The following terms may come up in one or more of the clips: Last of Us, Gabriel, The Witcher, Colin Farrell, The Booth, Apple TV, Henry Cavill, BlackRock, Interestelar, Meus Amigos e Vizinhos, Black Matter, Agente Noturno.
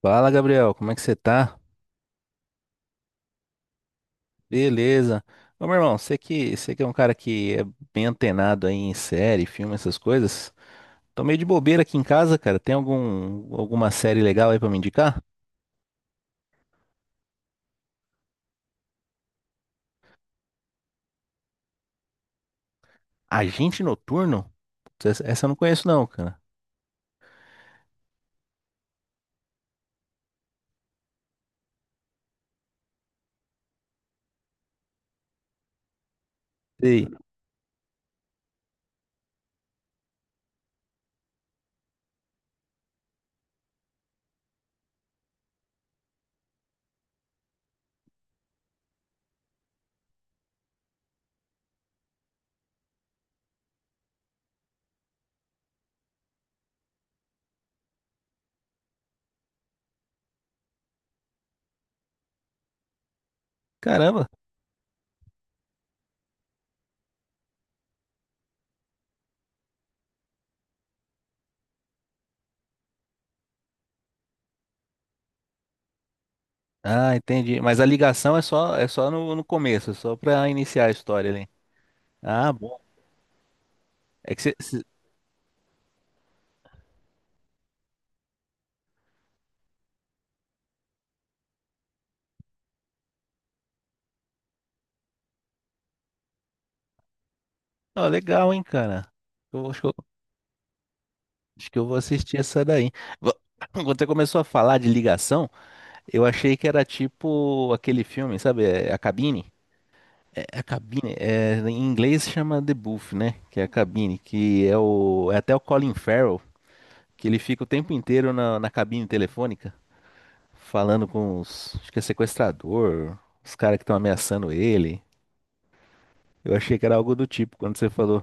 Fala, Gabriel, como é que você tá? Beleza. Ô, meu irmão, você que é um cara que é bem antenado aí em série, filme, essas coisas. Tô meio de bobeira aqui em casa, cara. Tem alguma série legal aí pra me indicar? Agente Noturno? Putz, essa eu não conheço não, cara. Sei. Caramba. Ah, entendi. Mas a ligação é só no, no começo, é só pra iniciar a história ali. Ah, bom. É que você... você- Ó, legal, hein, cara. Eu acho que eu, acho que eu vou assistir essa daí. Vo- Quando você começou a falar de ligação, eu achei que era tipo aquele filme, sabe? A Cabine. É, a Cabine. É, em inglês chama The Booth, né? Que é a cabine. Que é o. É até o Colin Farrell, que ele fica o tempo inteiro na cabine telefônica, falando com os. Acho que é sequestrador, os caras que estão ameaçando ele. Eu achei que era algo do tipo quando você falou.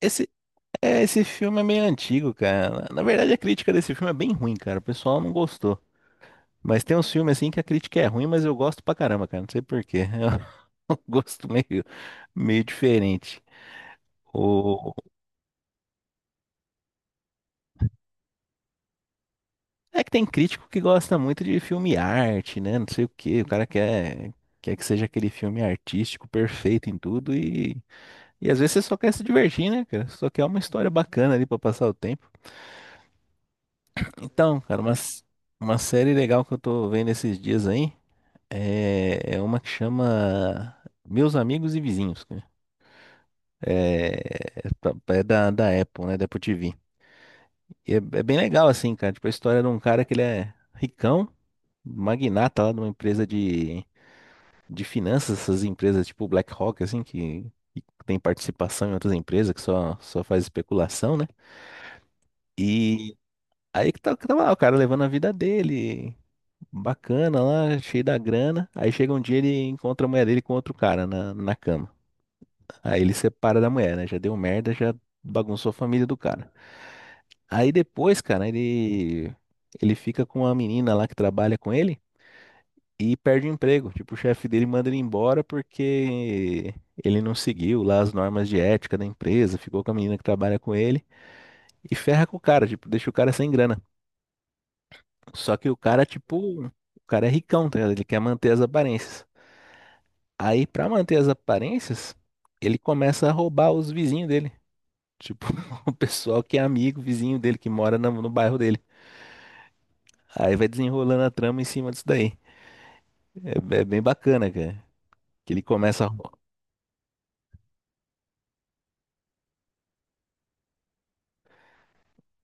Esse, esse filme é meio antigo, cara. Na verdade, a crítica desse filme é bem ruim, cara. O pessoal não gostou. Mas tem uns filmes assim que a crítica é ruim, mas eu gosto pra caramba, cara. Não sei por quê. Gosto meio diferente. O... É que tem crítico que gosta muito de filme arte, né? Não sei o quê. Quer que seja aquele filme artístico perfeito em tudo e às vezes você só quer se divertir, né, cara? Só quer uma história bacana ali pra passar o tempo. Então, cara, uma série legal que eu tô vendo esses dias aí é uma que chama Meus Amigos e Vizinhos, cara. É, é da Apple, né? Da Apple TV. E é bem legal, assim, cara. Tipo, a história de um cara que ele é ricão, magnata lá de uma empresa de finanças, essas empresas tipo BlackRock, assim, que tem participação em outras empresas, só faz especulação, né? E que tava lá, o cara levando a vida dele, bacana lá, cheio da grana. Aí chega um dia ele encontra a mulher dele com outro cara na cama. Aí ele separa da mulher, né? Já deu merda, já bagunçou a família do cara. Aí depois, cara, ele fica com uma menina lá que trabalha com ele e perde o emprego. Tipo, o chefe dele manda ele embora porque ele não seguiu lá as normas de ética da empresa, ficou com a menina que trabalha com ele e ferra com o cara, tipo, deixa o cara sem grana. Só que o cara, tipo, o cara é ricão, tá ligado? Ele quer manter as aparências. Aí, pra manter as aparências, ele começa a roubar os vizinhos dele. Tipo, o pessoal que é amigo, vizinho dele, que no bairro dele. Aí vai desenrolando a trama em cima disso daí. É, é bem bacana, cara. Que ele começa. A rou-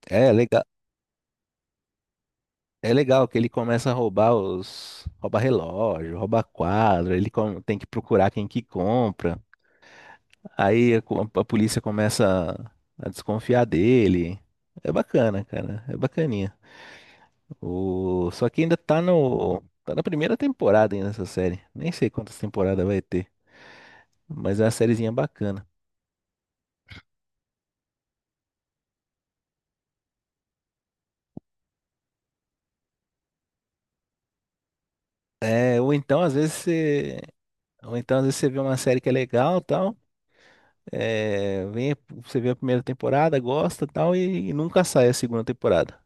É legal, é legal que ele começa a roubar os. Rouba relógio, rouba quadro, tem que procurar quem que compra. Aí a polícia começa a desconfiar dele. É bacana, cara. É bacaninha. O... Só que ainda tá no. Tá na primeira temporada ainda essa série. Nem sei quantas temporadas vai ter. Mas é uma sériezinha bacana. É, ou então às vezes você. Ou então às vezes você vê uma série que é legal, tal. É, vem, você vê a primeira temporada, gosta e tal, e nunca sai a segunda temporada.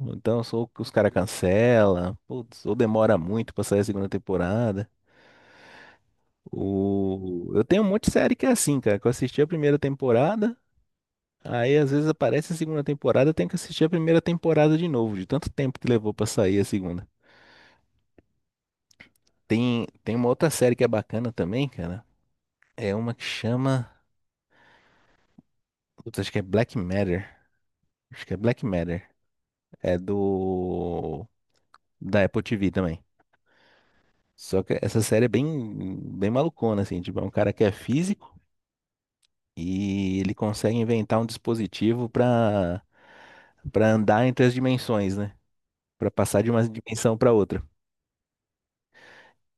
Então, sou que os caras cancela, putz, ou demora muito pra sair a segunda temporada. O... Eu tenho um monte de série que é assim, cara, que eu assisti a primeira temporada, aí às vezes aparece a segunda temporada, eu tenho que assistir a primeira temporada de novo, de tanto tempo que levou pra sair a segunda. Tem uma outra série que é bacana também, cara. É uma que chama. Putz, acho que é Black Matter. Acho que é Black Matter. É do da Apple TV também. Só que essa série é bem malucona, assim, tipo, é um cara que é físico e ele consegue inventar um dispositivo para andar entre as dimensões, né? Para passar de uma dimensão para outra.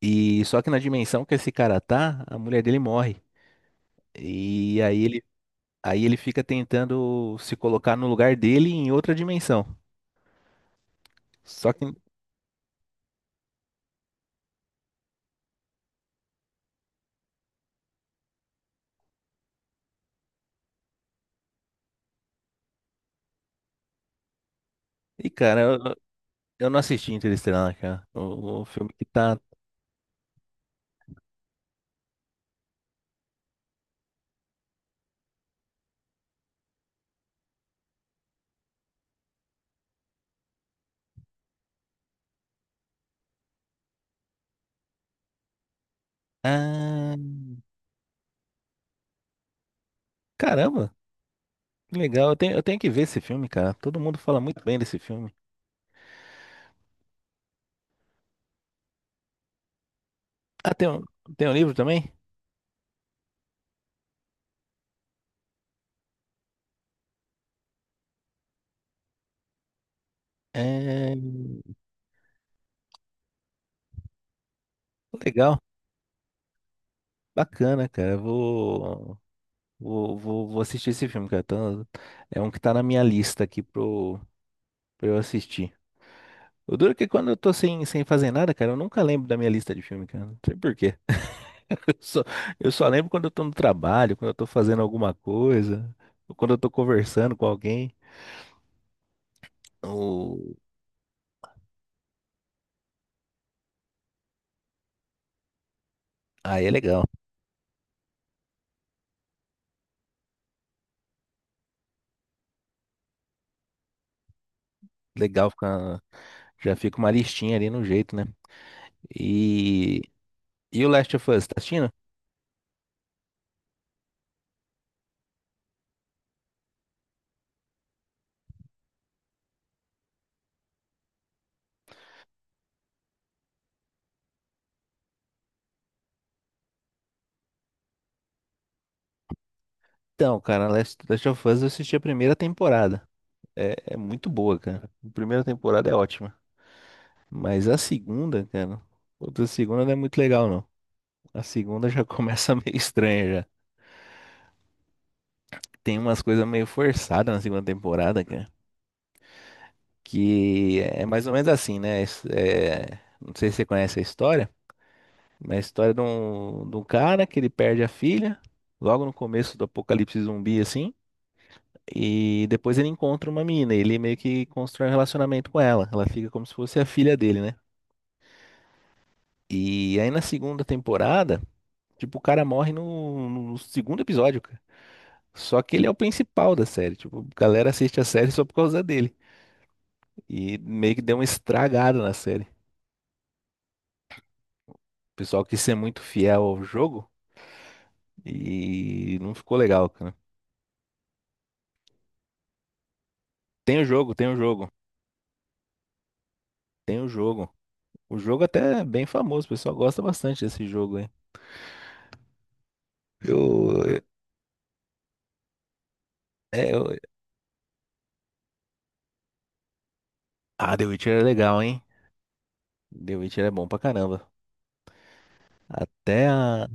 E só que na dimensão que esse cara tá, a mulher dele morre. E aí ele, aí ele fica tentando se colocar no lugar dele em outra dimensão. Só que, e cara, eu não assisti Interestelar, cara. O filme que tá. Ah, caramba! Legal, eu tenho que ver esse filme, cara. Todo mundo fala muito bem desse filme. Ah, tem um, tem um livro também? É... Legal, bacana, cara. Eu Vou, vou, vou, vou assistir esse filme, cara. É um que tá na minha lista aqui pra eu assistir. O duro é que quando eu tô sem fazer nada, cara, eu nunca lembro da minha lista de filme, cara. Não sei por quê. Eu só, eu só lembro quando eu tô no trabalho, quando eu tô fazendo alguma coisa, ou quando eu tô conversando com alguém. O... Aí é legal. Legal ficar. Já fica uma listinha ali no jeito, né? E, e o Last of Us, tá assistindo? Então, cara, Last of Us eu assisti a primeira temporada. É, é muito boa, cara. A primeira temporada é ótima. Mas a segunda, cara, outra segunda não é muito legal, não. A segunda já começa meio estranha já. Tem umas coisas meio forçadas na segunda temporada, cara. Que é mais ou menos assim, né? Não sei se você conhece a história. É a história de um cara que ele perde a filha, logo no começo do apocalipse zumbi, assim. E depois ele encontra uma menina, e ele meio que constrói um relacionamento com ela. Ela fica como se fosse a filha dele, né? E aí na segunda temporada, tipo, o cara morre no segundo episódio, cara. Só que ele é o principal da série. Tipo, a galera assiste a série só por causa dele. E meio que deu uma estragada na série. O pessoal quis ser muito fiel ao jogo e não ficou legal, cara. Tem o jogo, tem o jogo, tem o jogo. O jogo até é bem famoso, o pessoal gosta bastante desse jogo, hein? Eu, é, eu- Ah, The Witcher é legal, hein? The Witcher é bom pra caramba. Até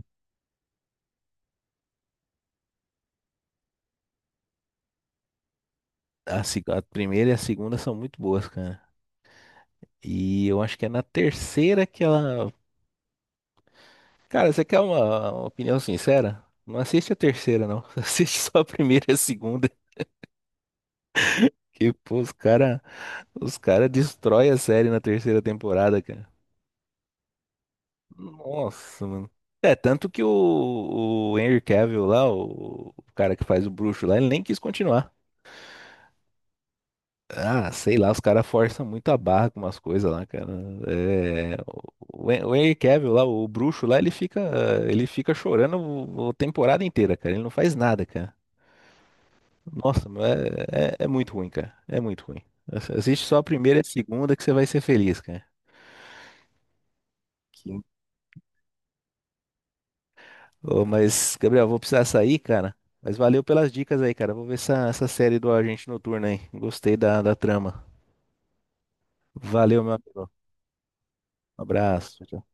a, se- a primeira e a segunda são muito boas, cara. E eu acho que é na terceira que ela. Cara, você quer uma opinião sincera? Não assiste a terceira, não. Assiste só a primeira e a segunda. Que, pô, os cara destrói a série na terceira temporada, cara. Nossa, mano. É, tanto que o Henry Cavill lá, o cara que faz o bruxo lá, ele nem quis continuar. Ah, sei lá, os caras forçam muito a barra com umas coisas lá, cara. É, o Henry Cavill lá, o bruxo lá, ele fica chorando a temporada inteira, cara. Ele não faz nada, cara. Nossa, mano, é muito ruim, cara. É muito ruim. Assiste só a primeira e a segunda que você vai ser feliz, cara. Que Ô, mas, Gabriel, vou precisar sair, cara. Mas valeu pelas dicas aí, cara. Vou ver essa série do Agente Noturno aí. Gostei da trama. Valeu, meu amigo. Um abraço. Tchau.